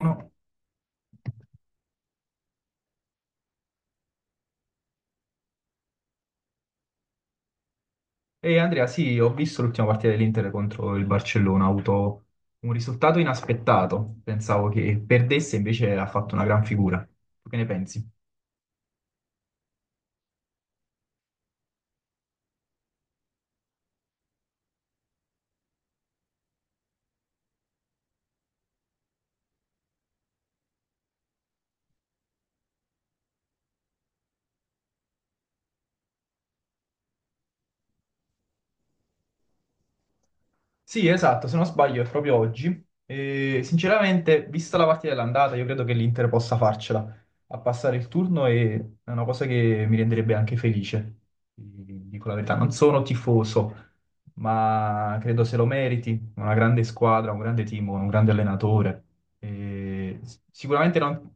No. E Andrea, sì, ho visto l'ultima partita dell'Inter contro il Barcellona, ha avuto un risultato inaspettato. Pensavo che perdesse, invece ha fatto una gran figura. Tu che ne pensi? Sì, esatto, se non sbaglio è proprio oggi. E, sinceramente, vista la partita dell'andata, io credo che l'Inter possa farcela a passare il turno e è una cosa che mi renderebbe anche felice, ti dico la verità. Non sono tifoso, ma credo se lo meriti. Una grande squadra, un grande team, un grande allenatore. E sicuramente non...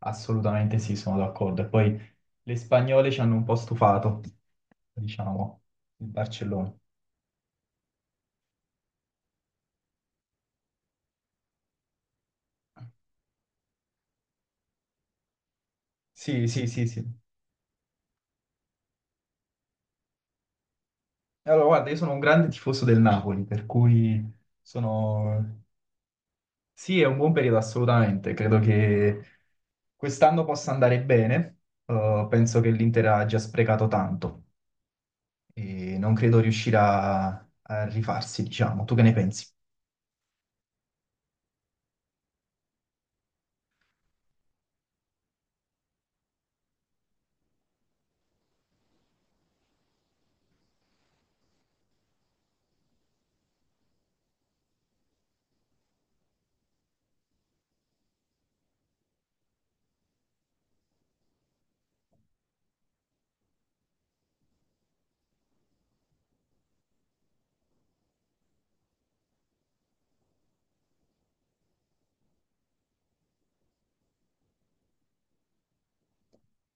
Assolutamente sì, sono d'accordo. E poi le spagnole ci hanno un po' stufato, diciamo, il Barcellona. Sì, sì, sì, sì. Allora, guarda, io sono un grande tifoso del Napoli, per cui sono... Sì, è un buon periodo assolutamente, credo che quest'anno possa andare bene. Penso che l'Inter ha già sprecato tanto e non credo riuscirà a rifarsi, diciamo. Tu che ne pensi?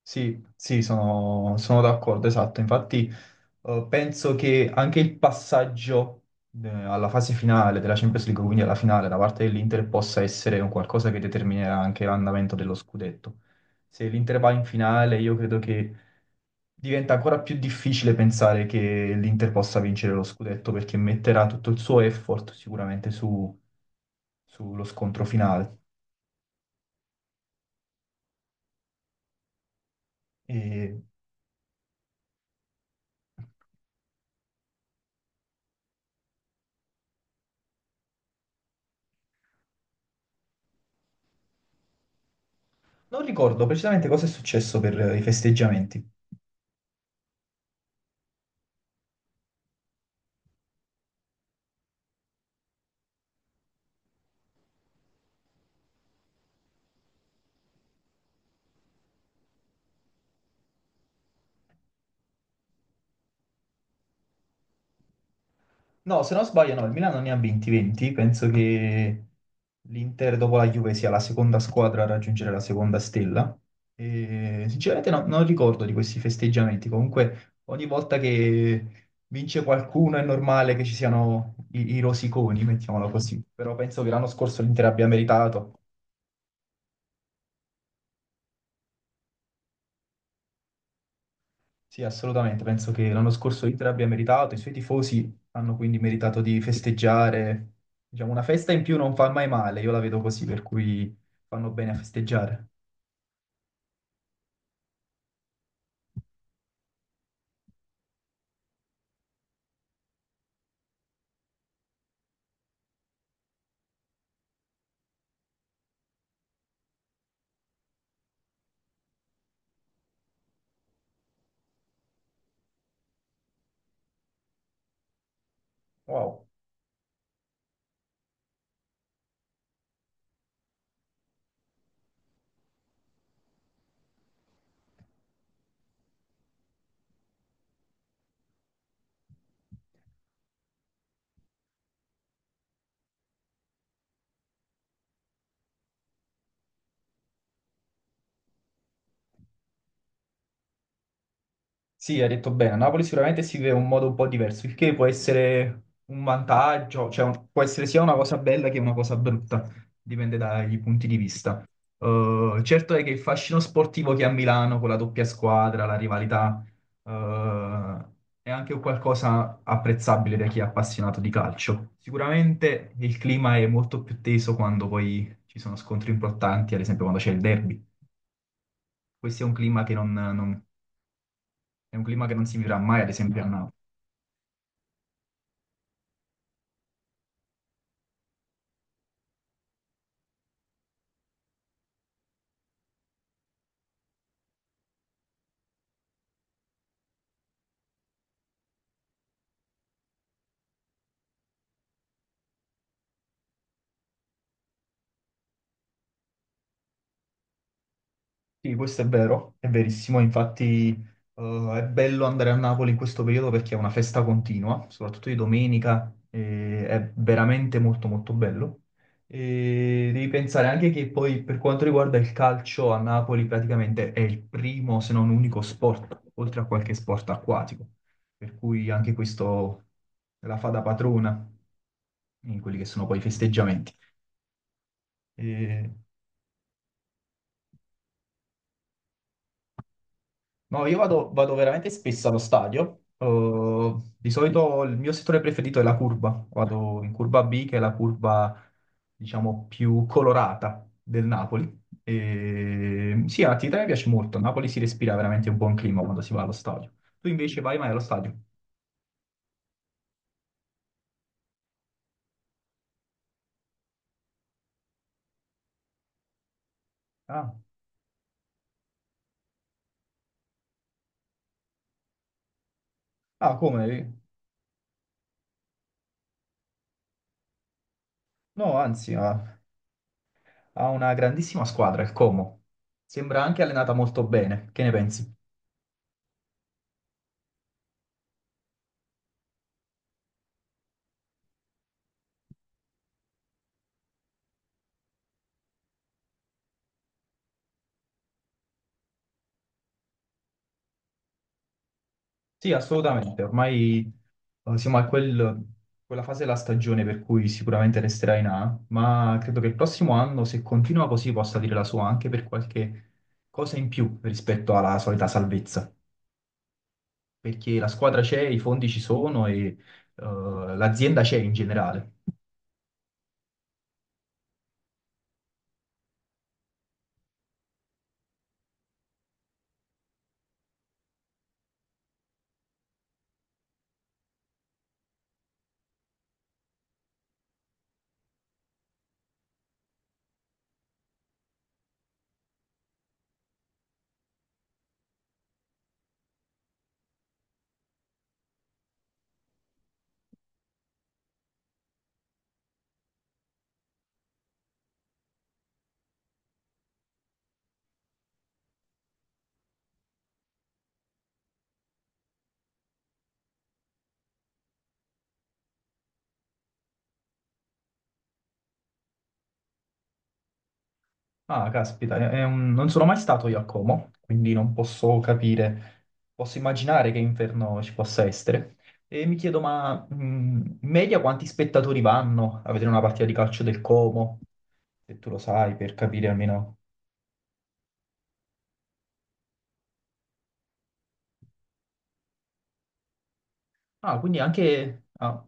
Sì, sì, sono d'accordo, esatto. Infatti penso che anche il passaggio alla fase finale della Champions League, quindi alla finale da parte dell'Inter, possa essere un qualcosa che determinerà anche l'andamento dello scudetto. Se l'Inter va in finale, io credo che diventa ancora più difficile pensare che l'Inter possa vincere lo scudetto perché metterà tutto il suo effort sicuramente sullo scontro finale. E non ricordo precisamente cosa è successo per i festeggiamenti. No, se non sbaglio, no, il Milano ne ha 20-20, penso che l'Inter dopo la Juve sia la seconda squadra a raggiungere la seconda stella. E, sinceramente non ricordo di questi festeggiamenti, comunque ogni volta che vince qualcuno è normale che ci siano i rosiconi, mettiamola così, però penso che l'anno scorso l'Inter abbia meritato. Sì, assolutamente. Penso che l'anno scorso l'Inter abbia meritato, i suoi tifosi hanno quindi meritato di festeggiare. Diciamo, una festa in più non fa mai male, io la vedo così, per cui fanno bene a festeggiare. Wow. Sì, hai detto bene, a Napoli sicuramente si vive in un modo un po' diverso, il che può essere un vantaggio, cioè può essere sia una cosa bella che una cosa brutta, dipende dai punti di vista. Certo è che il fascino sportivo che ha Milano con la doppia squadra, la rivalità, eh, è anche un qualcosa apprezzabile da chi è appassionato di calcio. Sicuramente il clima è molto più teso quando poi ci sono scontri importanti, ad esempio quando c'è il derby. Questo è un clima che è un clima che non si vivrà mai, ad esempio, a Napoli. Sì, questo è vero, è verissimo, infatti è bello andare a Napoli in questo periodo perché è una festa continua, soprattutto di domenica, e è veramente molto molto bello. E devi pensare anche che poi per quanto riguarda il calcio a Napoli praticamente è il primo se non unico sport, oltre a qualche sport acquatico, per cui anche questo la fa da padrona in quelli che sono poi i festeggiamenti. E no, io vado veramente spesso allo stadio. Di solito il mio settore preferito è la curva. Vado in curva B, che è la curva, diciamo, più colorata del Napoli. E... sì, è un'attività che mi piace molto. A Napoli si respira veramente un buon clima quando si va allo stadio. Tu invece vai mai allo stadio? Ah. Ah, come? No, anzi, ha una grandissima squadra, il Como. Sembra anche allenata molto bene. Che ne pensi? Sì, assolutamente. Ormai siamo a quella fase della stagione per cui sicuramente resterà in A, ma credo che il prossimo anno, se continua così, possa dire la sua anche per qualche cosa in più rispetto alla solita salvezza, perché la squadra c'è, i fondi ci sono e eh, l'azienda c'è in generale. Ah, caspita, non sono mai stato io a Como, quindi non posso capire, posso immaginare che inferno ci possa essere. E mi chiedo, ma in media quanti spettatori vanno a vedere una partita di calcio del Como, se tu lo sai, per capire almeno. Ah, quindi anche, ah,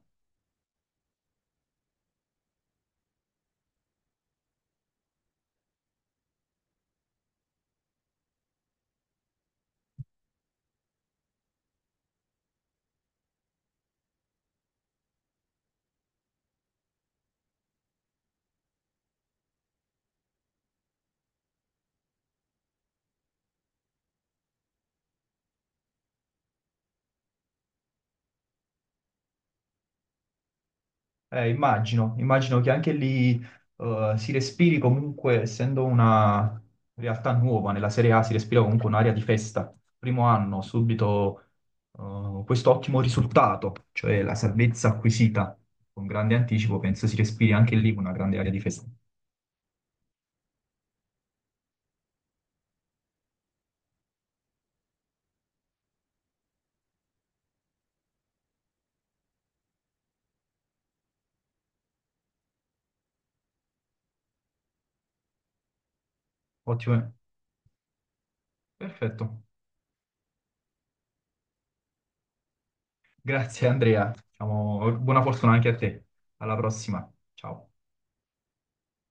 eh, immagino, che anche lì si respiri comunque, essendo una realtà nuova, nella Serie A si respira comunque un'area di festa. Primo anno, subito questo ottimo risultato, cioè la salvezza acquisita con grande anticipo, penso si respiri anche lì una grande area di festa. Ottimo, perfetto. Grazie Andrea, diciamo, buona fortuna anche a te. Alla prossima, ciao.